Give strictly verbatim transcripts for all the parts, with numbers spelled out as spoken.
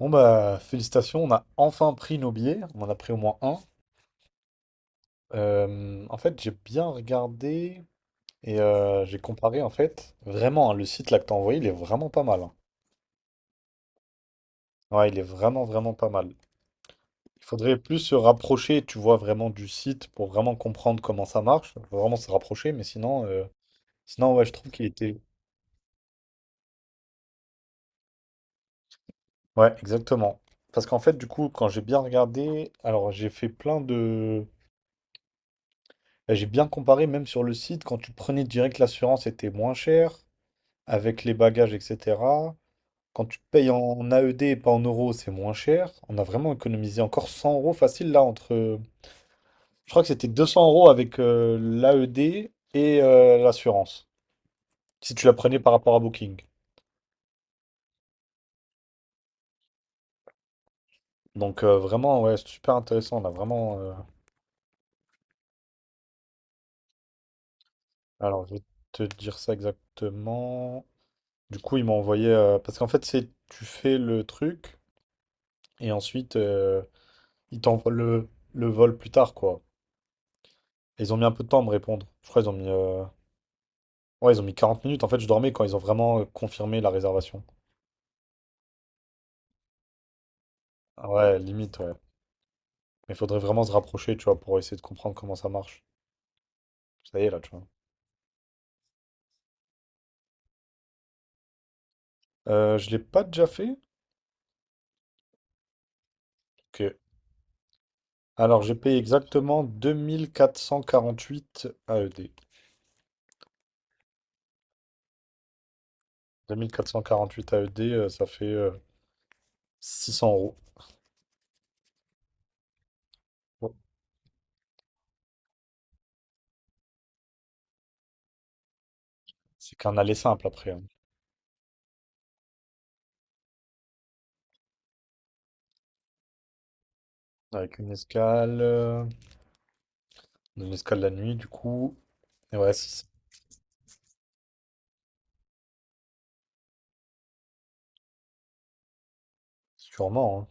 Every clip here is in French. Bon bah félicitations, on a enfin pris nos billets, on en a pris au moins un. Euh, en fait j'ai bien regardé et euh, j'ai comparé en fait. Vraiment, hein, le site là que t'as envoyé, il est vraiment pas mal, hein. Ouais, il est vraiment vraiment pas mal. Il faudrait plus se rapprocher, tu vois, vraiment du site pour vraiment comprendre comment ça marche. Faut vraiment se rapprocher, mais sinon, euh, sinon ouais, je trouve qu'il était. Ouais, exactement. Parce qu'en fait, du coup, quand j'ai bien regardé, alors j'ai fait plein de. Bah, j'ai bien comparé, même sur le site, quand tu prenais direct l'assurance, c'était moins cher, avec les bagages, et cetera. Quand tu payes en A E D et pas en euros, c'est moins cher. On a vraiment économisé encore cent euros facile là entre. Je crois que c'était deux cents euros avec euh, l'A E D et euh, l'assurance, si tu la prenais par rapport à Booking. Donc euh, vraiment, ouais, c'est super intéressant. On a vraiment. euh, Alors, je vais te dire ça exactement. Du coup, ils m'ont envoyé. euh, Parce qu'en fait, c'est tu fais le truc et ensuite euh, ils t'envoient le... le vol plus tard, quoi. Et ils ont mis un peu de temps à me répondre. Je crois qu'ils ont mis. euh, Ouais, ils ont mis quarante minutes. En fait, je dormais quand ils ont vraiment euh, confirmé la réservation. Ah ouais, limite, ouais. Mais il faudrait vraiment se rapprocher, tu vois, pour essayer de comprendre comment ça marche. Ça y est, là, tu vois. Euh, je l'ai pas déjà fait? Ok. Alors, j'ai payé exactement deux mille quatre cent quarante-huit AED. deux mille quatre cent quarante-huit A E D, euh, ça fait euh, six cents euros. Ouais. C'est qu'un aller simple après, hein. Avec une escale. euh, Une escale la nuit, du coup. Et ouais, six cents. Sûrement, hein.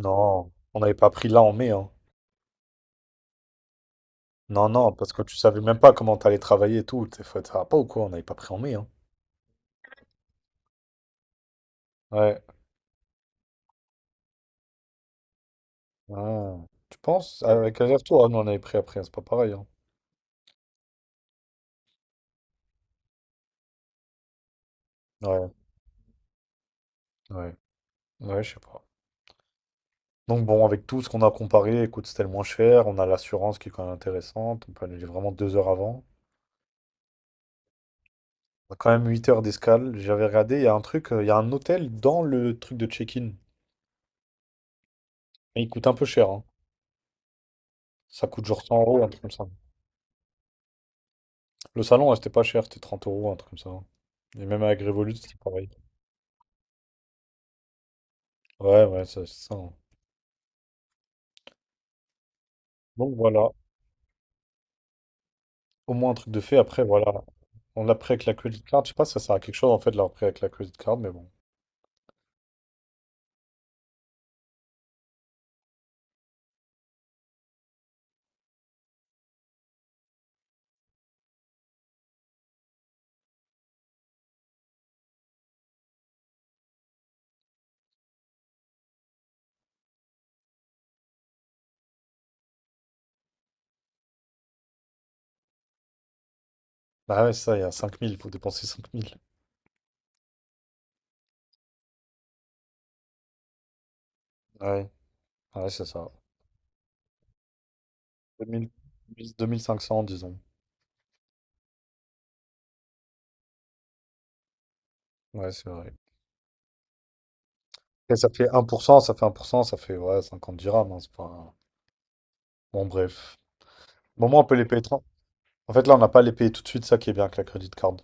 Non, on n'avait pas pris là en mai, hein. Non, non, parce que tu savais même pas comment t'allais travailler et tout. T'es fait, ça va pas ou quoi? On n'avait pas pris en mai, hein. Ouais. Ah. Tu penses? Avec Azerto, Tour, ah non, on avait pris après, c'est pas pareil, hein. Ouais, ouais. Ouais, je sais pas. Donc bon, avec tout ce qu'on a comparé, écoute, c'était le moins cher. On a l'assurance qui est quand même intéressante. On peut annuler vraiment deux heures avant. On a quand même huit heures d'escale. J'avais regardé, il y a un truc, euh, il y a un hôtel dans le truc de check-in. Et il coûte un peu cher, hein. Ça coûte genre cent euros, un truc comme ça. Le salon, ouais, c'était pas cher, c'était trente euros, un truc comme ça, hein. Et même avec Revolut, c'était pareil. Ouais, ouais, ça, c'est ça, hein. Donc voilà, au moins un truc de fait. Après, voilà, on l'a pris avec la credit card. Je sais pas si ça sert à quelque chose en fait de l'avoir pris avec la credit card, mais bon. Ah ouais, ça, il y a cinq mille. Il faut dépenser cinq mille. Ouais, ouais, c'est ça. deux deux mille deux mille cinq cents disons. Ouais, c'est vrai. Et ça fait un pour cent, ça fait un pour cent ça fait ouais, cinquante dirhams, hein, c'est pas... Bon, bref. Bon, moi, on peut les payer. tra- En fait, là, on n'a pas à les payer tout de suite, ça qui est bien avec la credit card.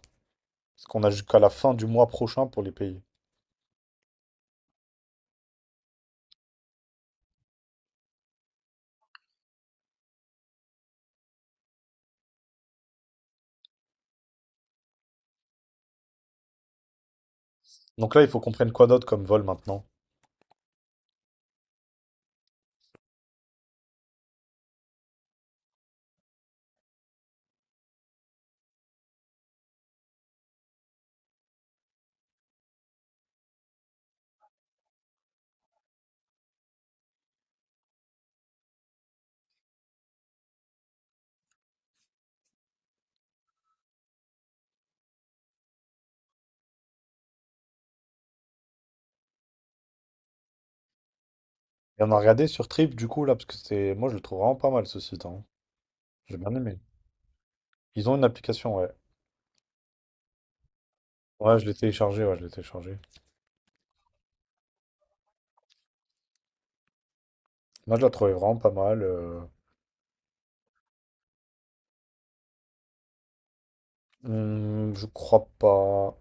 Parce qu'on a jusqu'à la fin du mois prochain pour les payer. Donc là, il faut qu'on prenne quoi d'autre comme vol maintenant? Et on a regardé sur Trip du coup là, parce que c'est. Moi je le trouve vraiment pas mal ce site, hein. J'ai bien aimé. Ils ont une application, ouais. Ouais, je l'ai téléchargé, ouais, je l'ai téléchargé. Moi je la trouvais vraiment pas mal. euh. Hmm, je crois pas.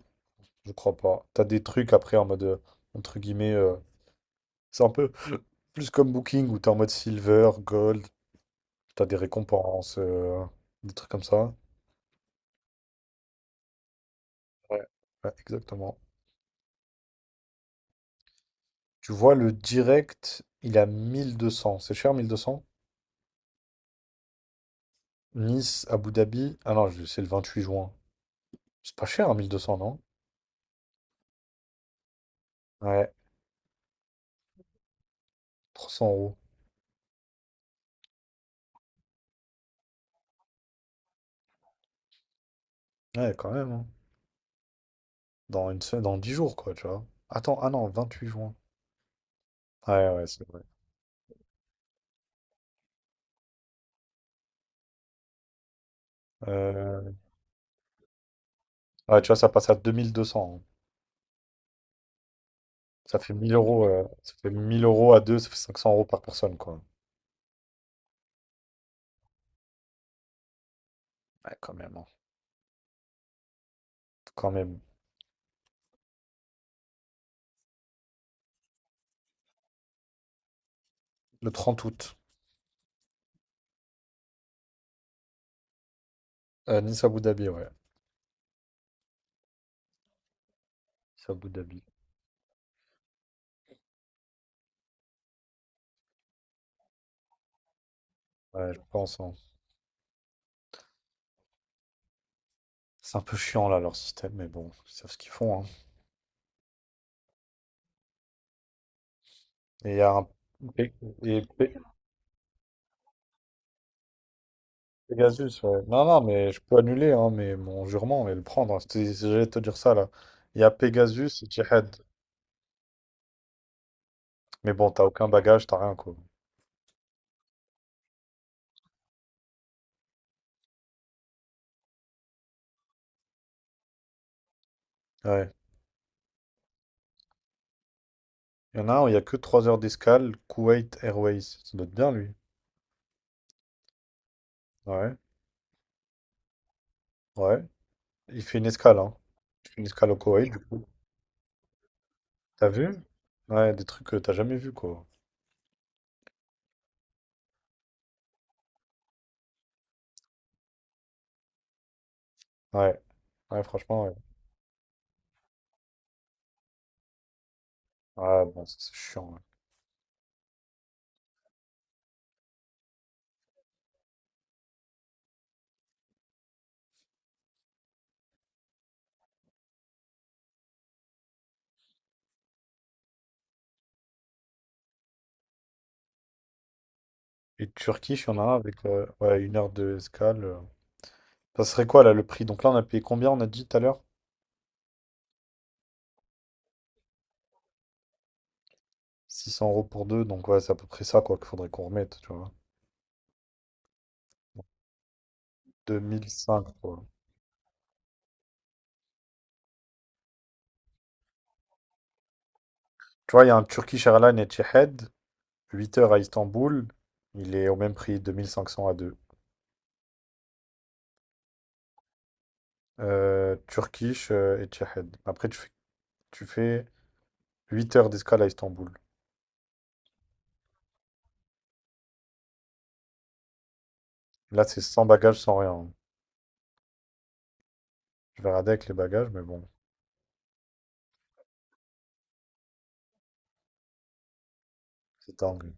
Je crois pas. T'as des trucs après en mode euh, entre guillemets. euh, C'est un peu plus comme Booking où t'es en mode silver, gold, t'as des récompenses, euh, des trucs comme ça. Ouais. Ouais, exactement. Tu vois le direct, il a mille deux cents. C'est cher, mille deux cents. Nice, Abu Dhabi. Ah non, je- c'est le vingt-huit juin. C'est pas cher, mille deux cents non? Ouais, trois cents euros. Ouais, quand même, hein. Dans une semaine, dans dix jours, quoi, tu vois. Attends, ah non, vingt huit juin. Ouais, ouais, c'est vrai. Euh, Ouais, tu vois, ça passe à deux mille deux cents, hein. Ça fait mille euros, euh, ça fait mille euros à deux, ça fait cinq cents euros par personne, quoi. Ouais, quand même, hein. Quand même. Le trente août, euh, Nice Abu Dhabi, ouais. Nice Abu Dhabi. Ouais, je pense, hein. C'est un peu chiant, là, leur système, mais bon, ils savent ce qu'ils font, hein. Et il y a un... Et, et- Pegasus, ouais. Non, non, mais je peux annuler, hein, mais mon jurement, mais le prendre, hein. C'est- c'est- J'allais te dire ça, là. Il y a Pegasus et Jihad. Mais bon, t'as aucun bagage, t'as rien, quoi. Ouais. Il y en a un où il y a que trois heures d'escale, Kuwait Airways. Ça doit être bien, lui. Ouais, ouais. Il fait une escale, hein. Il fait une escale au Koweït, du coup. T'as vu? Ouais, des trucs que t'as jamais vu, quoi. Ouais, ouais, franchement, ouais. Ah, bon, ça, c'est chiant, ouais. Et Turquie, il y en a un avec euh, ouais, une heure d'escale. euh. Ça serait quoi, là, le prix? Donc là, on a payé combien, on a dit tout à l'heure? six cents euros pour deux, donc ouais, c'est à peu près ça quoi qu'il faudrait qu'on remette, tu vois. deux mille cinq, quoi. Tu vois, il y a un Turkish Airlines Etihad, huit heures à Istanbul, il est au même prix, deux mille cinq cents à deux. Euh, Turkish euh, Etihad. Après, tu fais, tu fais huit heures d'escale à Istanbul. Là, c'est sans bagages, sans rien. Je vais regarder avec les bagages, mais bon, c'est dingue.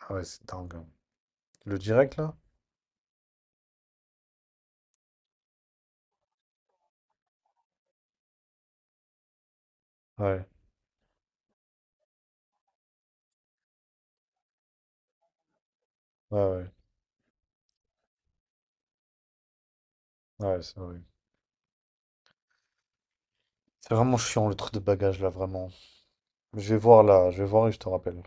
Ah ouais, c'est dingue. Le direct, là? Ouais, ouais, ouais. Ouais, c'est vrai. C'est vraiment chiant, le truc de bagages, là, vraiment. Je vais voir, là, je vais voir et je te rappelle.